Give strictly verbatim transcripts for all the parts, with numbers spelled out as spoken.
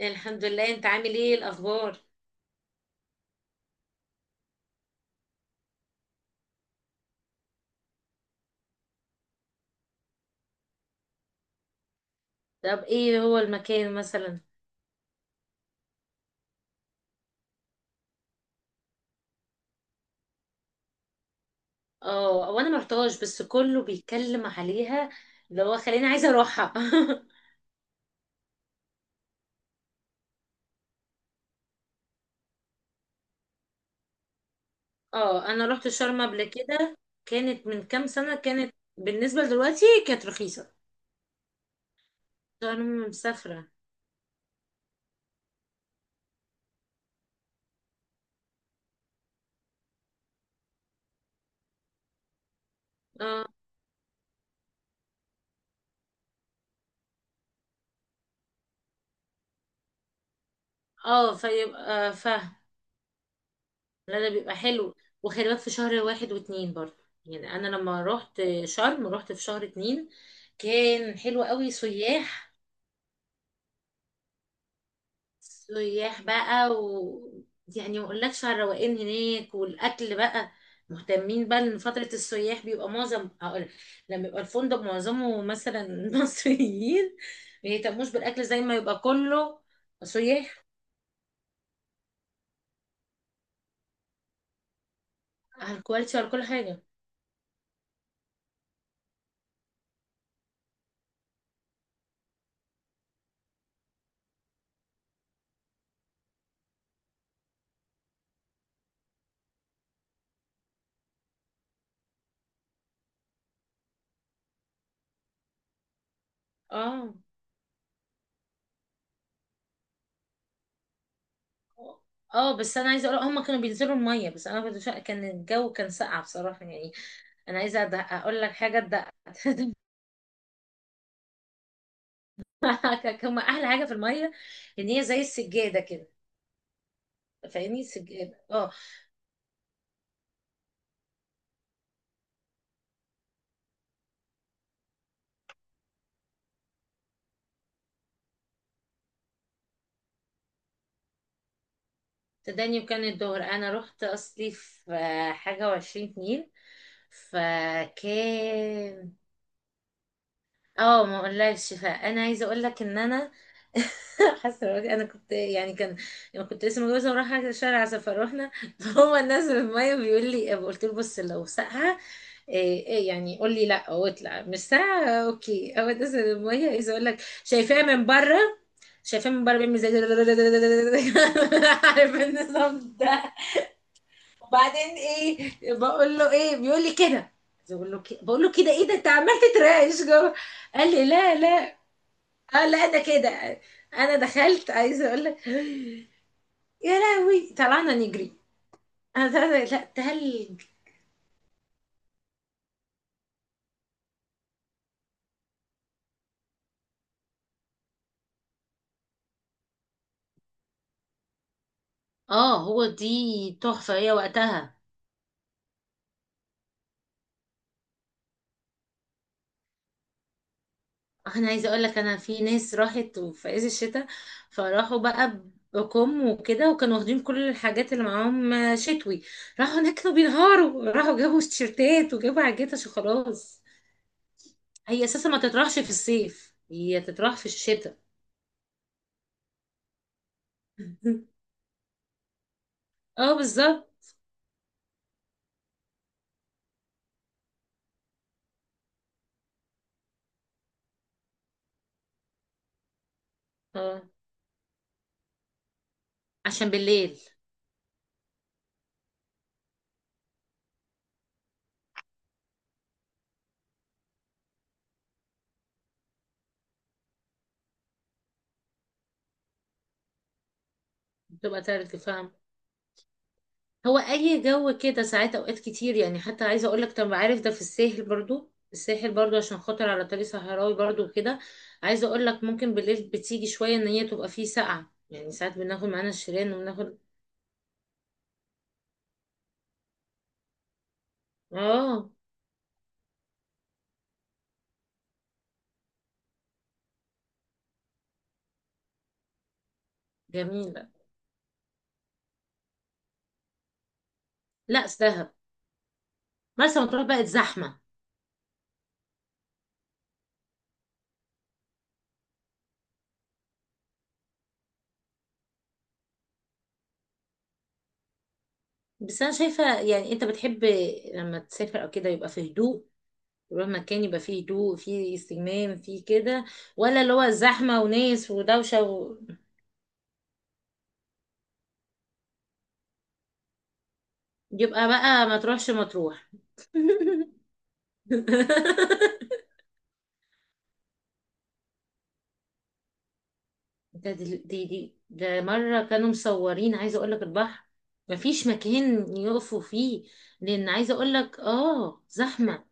الحمد لله، انت عامل ايه الاخبار؟ طب ايه هو المكان مثلا؟ اه، وانا ما رحتهاش بس كله بيتكلم عليها. اللي هو خليني عايزه اروحها. اه، انا رحت شرم قبل كده. كانت من كام سنه، كانت بالنسبه لدلوقتي كانت رخيصه. شرم مسافره. اه، اه، فيبقى فاهم. لا، ده بيبقى حلو. وخلي بالك في شهر واحد واتنين برضه، يعني انا لما رحت شرم رحت في شهر اتنين. كان حلو قوي، سياح. سياح بقى، و يعني ما اقولكش على الروقان هناك والاكل بقى. مهتمين بقى ان فترة السياح بيبقى معظم، هقول لما يبقى الفندق معظمه مثلا مصريين ما يهتموش بالاكل زي ما يبقى كله سياح على الكواليتي وعلى كل حاجة. اه، اه، بس انا عايزه اقول هم كانوا بينزلوا الميه، بس انا كنت شا... كان الجو كان ساقع بصراحه يعني. انا عايزه أدق- اقول لك حاجه. تدققك. هم احلى حاجه في الميه ان هي زي السجاده كده. فاهمني؟ سجاد، اه. تداني، وكان الظهر انا رحت اصلي في آه، حاجة وعشرين اتنين، فكان. اه، ما اقولكش، فانا عايزه اقول لك ان انا حاسه دلوقتي انا كنت يعني، كان انا كنت لسه متجوزه ورايحه شارع سفر، رحنا فهو نازل الميه بيقول لي، قلت له بص لو ساقعه إيه إيه، يعني قول لي لا واطلع مش ساقعه، اوكي، هو نازل الميه عايزه اقول لك. شايفاه من بره، شايفاه من بره بيعمل زي عارف النظام ده؟ وبعدين ايه، بقول له ايه، بيقول لي كده. بقول له كده، بقول له كده، ايه ده انت عمال تترعش جوه؟ قال لي لا، لا. اه، لا ده كده. انا دخلت عايزه اقول لك. يا لهوي، طلعنا نجري. انا طلعت- لا، تلج. اه، هو دي تحفة هي وقتها. انا عايزة اقول لك، انا في ناس راحت في عز الشتاء، فراحوا بقى، بكم وكده، وكانوا واخدين كل الحاجات اللي معاهم شتوي. راحوا هناك كانوا بينهاروا، راحوا جابوا تيشيرتات وجابوا حاجات عشان خلاص. هي اساسا ما تطرحش في الصيف، هي تطرح في الشتاء. اه، بالظبط. اه، عشان بالليل بتبقى تلج، فاهم. هو اي جو كده ساعات، اوقات كتير يعني، حتى عايزه اقول لك، طب عارف ده في الساحل برضو، الساحل برضو عشان خاطر على طريق صحراوي برضو كده. عايزه اقول لك، ممكن بالليل بتيجي شويه ان هي تبقى فيه ساقعه، يعني ساعات بناخد معانا الشيران وبناخد. اه، جميله. لا، دهب. مرسى مطروح بقت زحمه. بس انا شايفه، يعني انت بتحب لما تسافر او كده يبقى في هدوء، تروح مكان يبقى فيه هدوء، فيه استجمام، فيه كده. ولا اللي هو زحمة وناس ودوشة و... يبقى بقى ما تروحش مطروح. ده دي, دي, دي ده مرة كانوا مصورين، عايزة اقول لك البحر مفيش مكان يقفوا فيه. لان عايزة اقول لك، اه زحمة.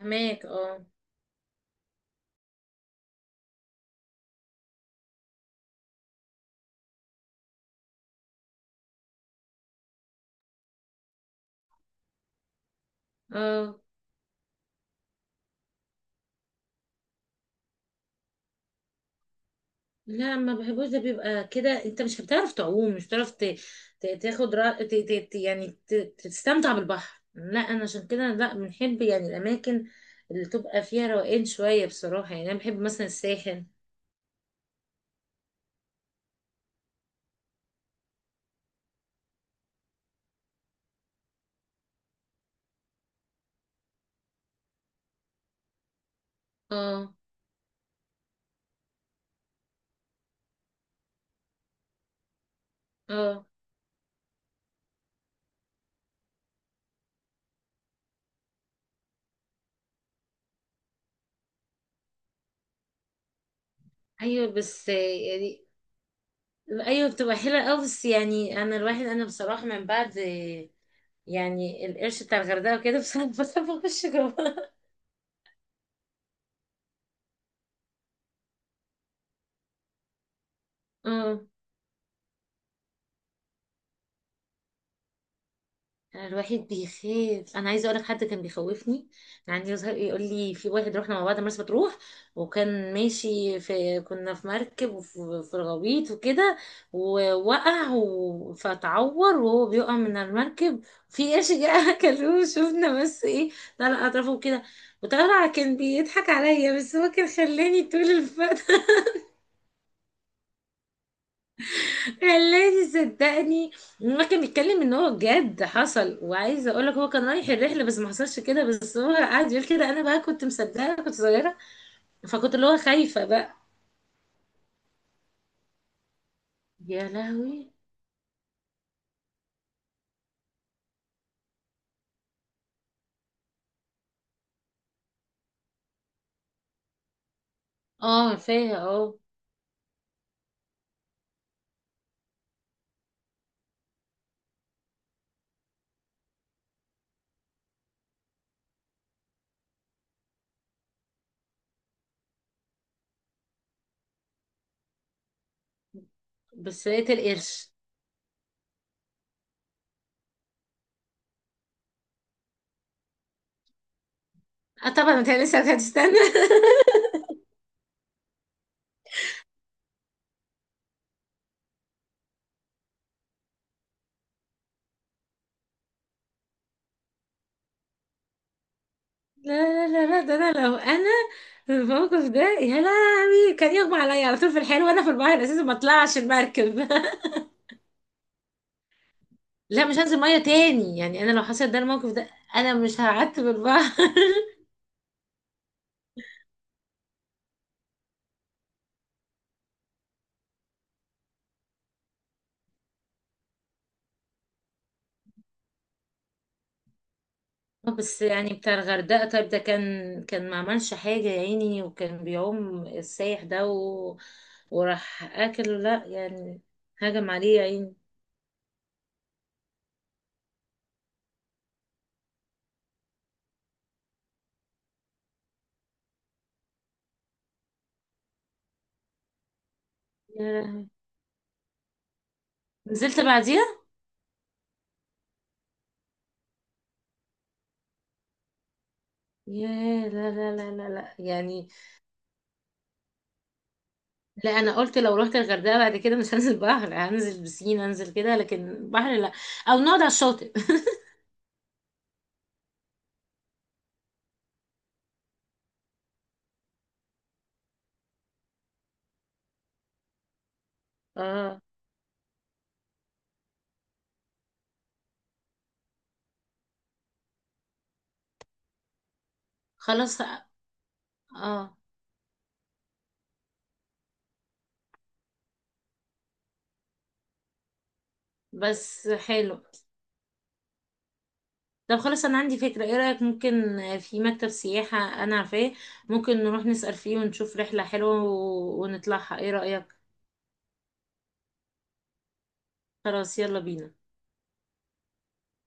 هناك، اه، اه، لا، ما بحبوش ده بيبقى كده، انت مش بتعرف تعوم، مش بتعرف ت... ت... تاخد را... ت... ت... ت- يعني ت... تستمتع بالبحر. لا، انا عشان كده لا بنحب يعني الاماكن اللي تبقى فيها روقان شوية بصراحة، يعني انا بحب مثلا الساحل. اه، اه، ايوه، بس يعني، ايوه بتبقى حلوة قوي، بس يعني انا الواحد انا بصراحة من بعد يعني القرش بتاع الغردقة وكده، بصراحة بخاف اخش جوه. اه، أنا الواحد بيخاف، انا عايزه اقول لك حد كان بيخوفني. كان عندي يظهر يقول لي، في واحد رحنا مع بعض مرسى مطروح، وكان ماشي في كنا في مركب وفي في الغويط وكده. ووقع و- فتعور وهو بيقع من المركب، في قرش جه اكلوه، شفنا بس ايه. طلع اطرافه كده. وطلع كان بيضحك عليا، بس هو كان خلاني طول الفترة. خلاني، صدقني. ما كان بيتكلم ان هو جد حصل، وعايزه اقول لك هو كان رايح الرحله بس ما حصلش كده، بس هو قعد يقول كده، انا بقى كنت مصدقه، كنت صغيره. فكنت اللي هو خايفه بقى. يا لهوي! اه، عارفاها، اه. بس لقيت القرش؟ اه طبعا، انت لسه هتستنى. لا، لا، لا، لا، ده انا لو انا في الموقف ده، يا لهوي، كان يغمى عليا على طول في الحال، وانا في البحر اساسا ما اطلعش المركب. لا، مش هنزل ميه تاني، يعني انا لو حصل ده الموقف ده انا مش هقعدت في البحر. آه، بس يعني بتاع الغردقة، طيب ده كان كان ما عملش حاجة يا عيني، وكان بيعوم السايح ده و... وراح اكله، لا يعني هجم عليه يا عيني. يا لهوي، نزلت بعديها؟ يا لا، لا، لا، لا، لا، يعني لا، انا قلت لو رحت الغردقة بعد كده مش هنزل بحر، هنزل بسين، هنزل كده، لكن بحر لا. او نقعد على الشاطئ. اه، خلاص، اه، بس حلو. طب خلاص، انا عندي فكرة، ايه رأيك ممكن في مكتب سياحة؟ انا عارفاه. ممكن نروح نسأل فيه ونشوف رحلة حلوة و- ونطلعها، ايه رأيك؟ خلاص، يلا بينا.